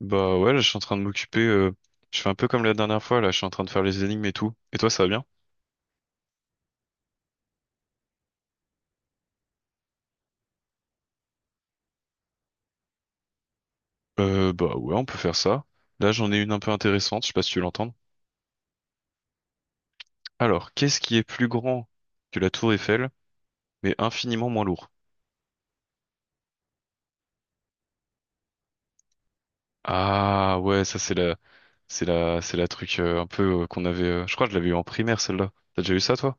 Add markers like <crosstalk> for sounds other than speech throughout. Bah ouais, là, je suis en train de m'occuper. Je fais un peu comme la dernière fois, là, je suis en train de faire les énigmes et tout. Et toi, ça va bien? Bah ouais, on peut faire ça. Là, j'en ai une un peu intéressante, je sais pas si tu l'entends. Alors, qu'est-ce qui est plus grand que la tour Eiffel, mais infiniment moins lourd? Ah ouais, ça c'est la truc un peu qu'on avait. Je crois que je l'avais eu en primaire celle-là. T'as déjà eu ça toi?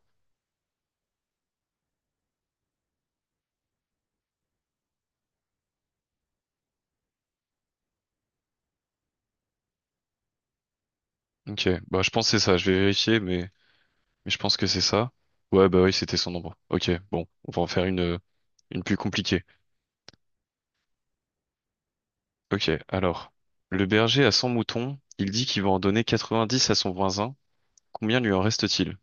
Ok, bah je pense que c'est ça. Je vais vérifier, mais je pense que c'est ça. Ouais, bah oui, c'était son nombre. Ok, bon, on va en faire une plus compliquée. Ok, alors, le berger a 100 moutons, il dit qu'il va en donner 90 à son voisin, combien lui en reste-t-il?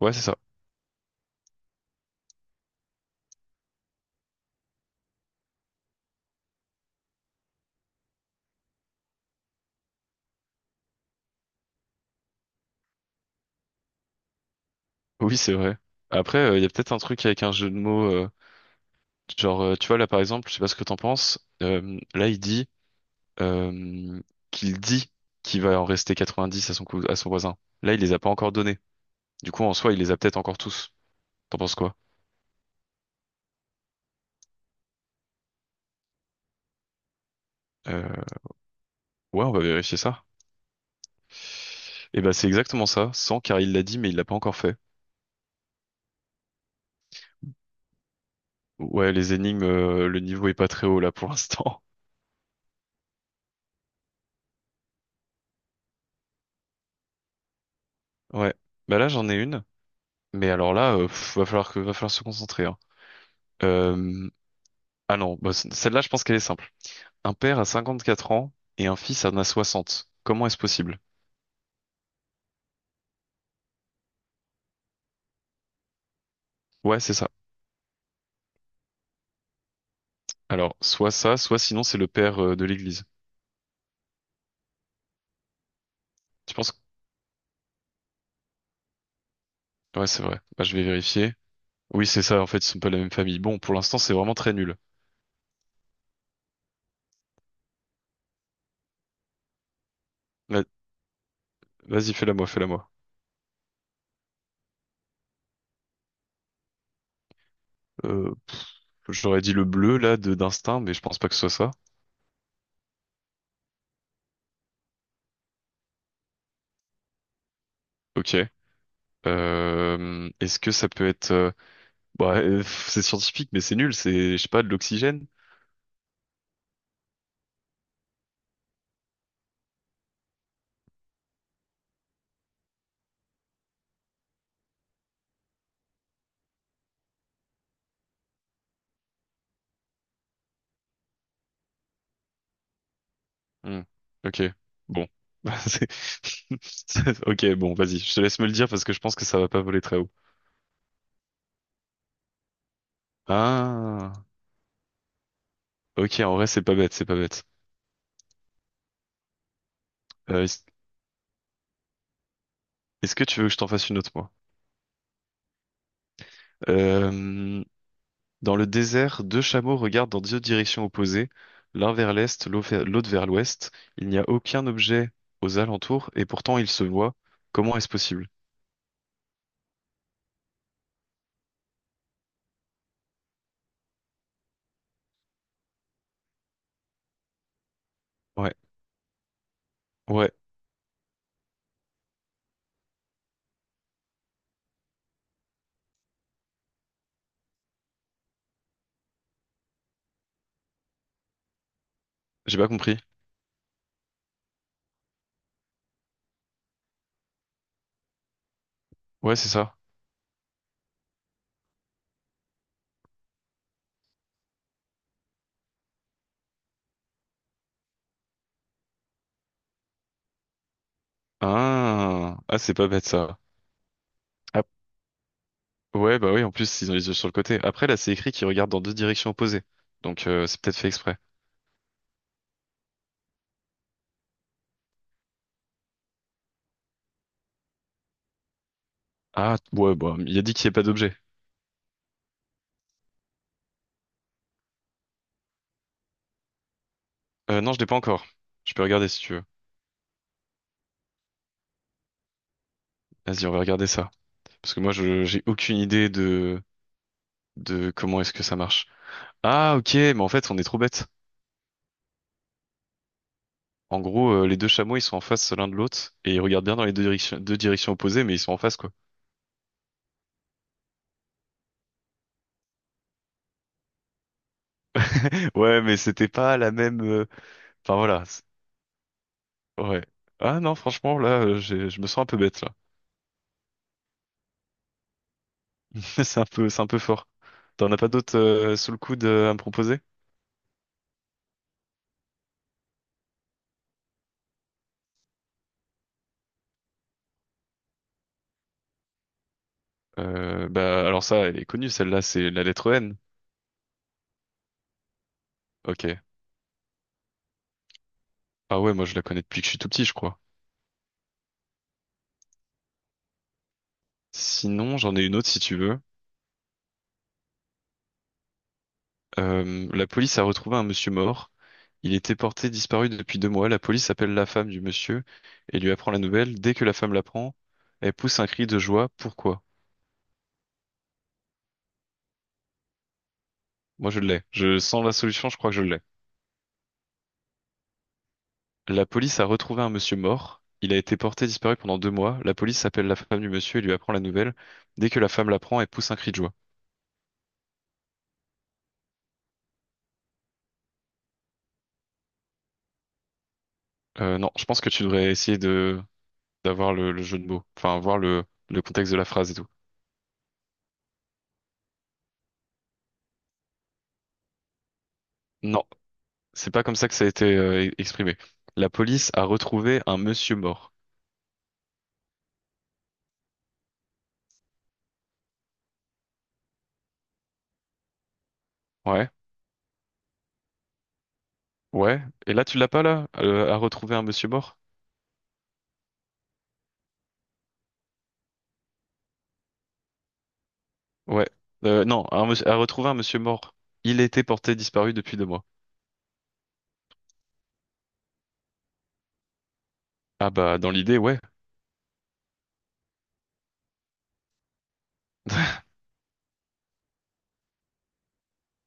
Ouais, c'est ça. Oui, c'est vrai. Après, il y a peut-être un truc avec un jeu de mots, genre, tu vois, là, par exemple, je sais pas ce que t'en penses, là, il dit euh, qu'il dit qu'il va en rester 90 à son voisin. Là, il les a pas encore donnés. Du coup, en soi, il les a peut-être encore tous. T'en penses quoi? Euh, ouais, on va vérifier ça. Et ben, c'est exactement ça, 100 car il l'a dit, mais il l'a pas encore fait. Ouais, les énigmes, le niveau est pas très haut là pour l'instant. <laughs> Ouais. Bah là, j'en ai une. Mais alors là, va falloir se concentrer, hein. Euh, ah non, bah, celle-là, je pense qu'elle est simple. Un père a 54 ans et un fils en a 60. Comment est-ce possible? Ouais, c'est ça. Alors, soit ça, soit sinon c'est le père, de l'église. Tu penses? Ouais, c'est vrai. Bah, je vais vérifier. Oui, c'est ça. En fait, ils sont pas de la même famille. Bon, pour l'instant, c'est vraiment très nul. Va- Vas-y, fais-la moi, fais-la moi. Euh, J'aurais dit le bleu, là, de d'instinct, mais je pense pas que ce soit ça. Ok. Est-ce que ça peut être, bah, c'est scientifique, mais c'est nul, c'est, je sais pas, de l'oxygène? Hmm. Ok, bon. <laughs> C'est- <laughs> Ok, bon, vas-y, je te laisse me le dire parce que je pense que ça va pas voler très haut. Ah, ok, en vrai, c'est pas bête, c'est pas bête. Euh, Est-ce que tu veux que je t'en fasse une autre, moi? Euh, dans le désert, deux chameaux regardent dans deux directions opposées, l'un vers l'est, l'autre vers l'ouest. Il n'y a aucun objet aux alentours et pourtant ils se voient. Comment est-ce possible? Ouais, ouais, j'ai pas compris. Ouais, c'est ça. Ah, ah, c'est pas bête ça. Ah, ouais, bah oui, en plus, ils ont les yeux sur le côté. Après, là, c'est écrit qu'ils regardent dans deux directions opposées. Donc, c'est peut-être fait exprès. Ah, ouais, bah, il a dit qu'il n'y a pas d'objet. Non, je l'ai pas encore. Je peux regarder si tu veux. Vas-y, on va regarder ça. Parce que moi, je j'ai aucune idée de comment est-ce que ça marche. Ah, ok, mais en fait, on est trop bête. En gros, les deux chameaux, ils sont en face l'un de l'autre et ils regardent bien dans deux directions opposées, mais ils sont en face, quoi. <laughs> Ouais, mais c'était pas la même. Enfin voilà. Ouais. Ah non, franchement, là, je me sens un peu bête là. <laughs> C'est un peu fort. T'en as pas d'autres sous le coude à me proposer? Bah alors ça, elle est connue, celle-là, c'est la lettre N. Ok. Ah ouais, moi je la connais depuis que je suis tout petit, je crois. Sinon, j'en ai une autre si tu veux. La police a retrouvé un monsieur mort. Il était porté disparu depuis 2 mois. La police appelle la femme du monsieur et lui apprend la nouvelle. Dès que la femme l'apprend, elle pousse un cri de joie. Pourquoi? Moi, je l'ai. Je sens la solution, je crois que je l'ai. La police a retrouvé un monsieur mort. Il a été porté disparu pendant 2 mois. La police appelle la femme du monsieur et lui apprend la nouvelle. Dès que la femme l'apprend, elle pousse un cri de joie. Non, je pense que tu devrais essayer de d'avoir le jeu de mots. Enfin, voir le contexte de la phrase et tout. Non. C'est pas comme ça que ça a été exprimé. La police a retrouvé un monsieur mort. Ouais, ouais. Et là, tu l'as pas là? A retrouvé un monsieur mort? Ouais. Non, a retrouvé un monsieur mort. Il était porté disparu depuis deux mois. Ah bah, dans l'idée, ouais. <laughs>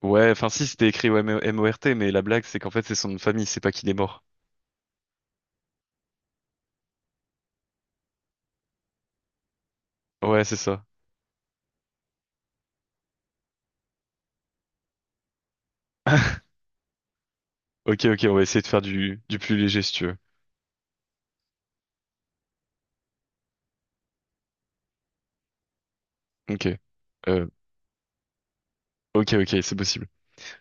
Ouais, enfin si, c'était écrit ouais, Mort, mais la blague, c'est qu'en fait, c'est son nom de famille, c'est pas qu'il est mort. Ouais, c'est ça. <laughs> Ok, ok, on va essayer de faire du plus léger, si tu veux. Ok. Euh, ok, ok, c'est possible.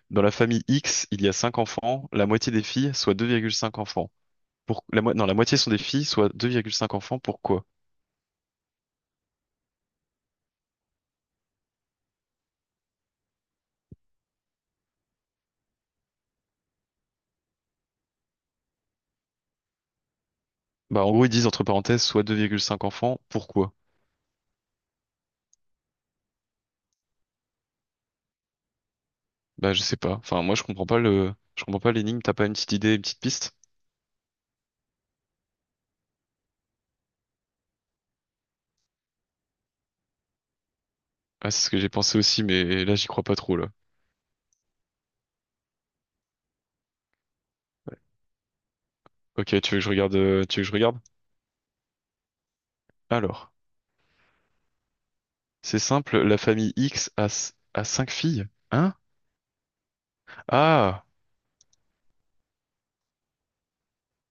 Dans la famille X, il y a 5 enfants, la moitié des filles, soit 2,5 enfants. Non, la moitié sont des filles, soit 2,5 enfants. Pourquoi? Bah, en gros, ils disent entre parenthèses, soit 2,5 enfants. Pourquoi? Bah, je sais pas. Enfin, moi, je comprends pas l'énigme. T'as pas une petite idée, une petite piste? Ah, c'est ce que j'ai pensé aussi, mais là, j'y crois pas trop, là. Ok, tu veux que je regarde? Alors, c'est simple, la famille X a 5 filles. Hein? Ah!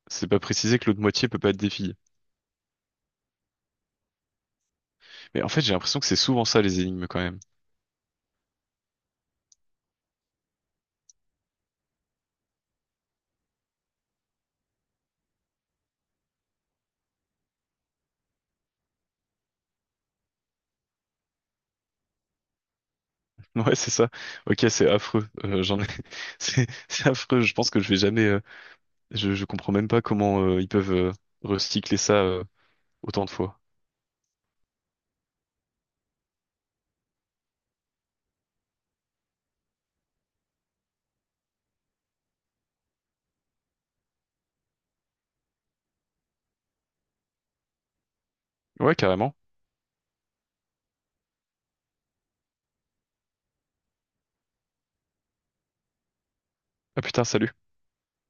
C'est pas précisé que l'autre moitié peut pas être des filles. Mais en fait, j'ai l'impression que c'est souvent ça, les énigmes, quand même. Ouais, c'est ça. Ok, c'est affreux. <laughs> C'est affreux. Je pense que je vais jamais. Je comprends même pas comment ils peuvent recycler ça autant de fois. Ouais, carrément. Ah putain, salut.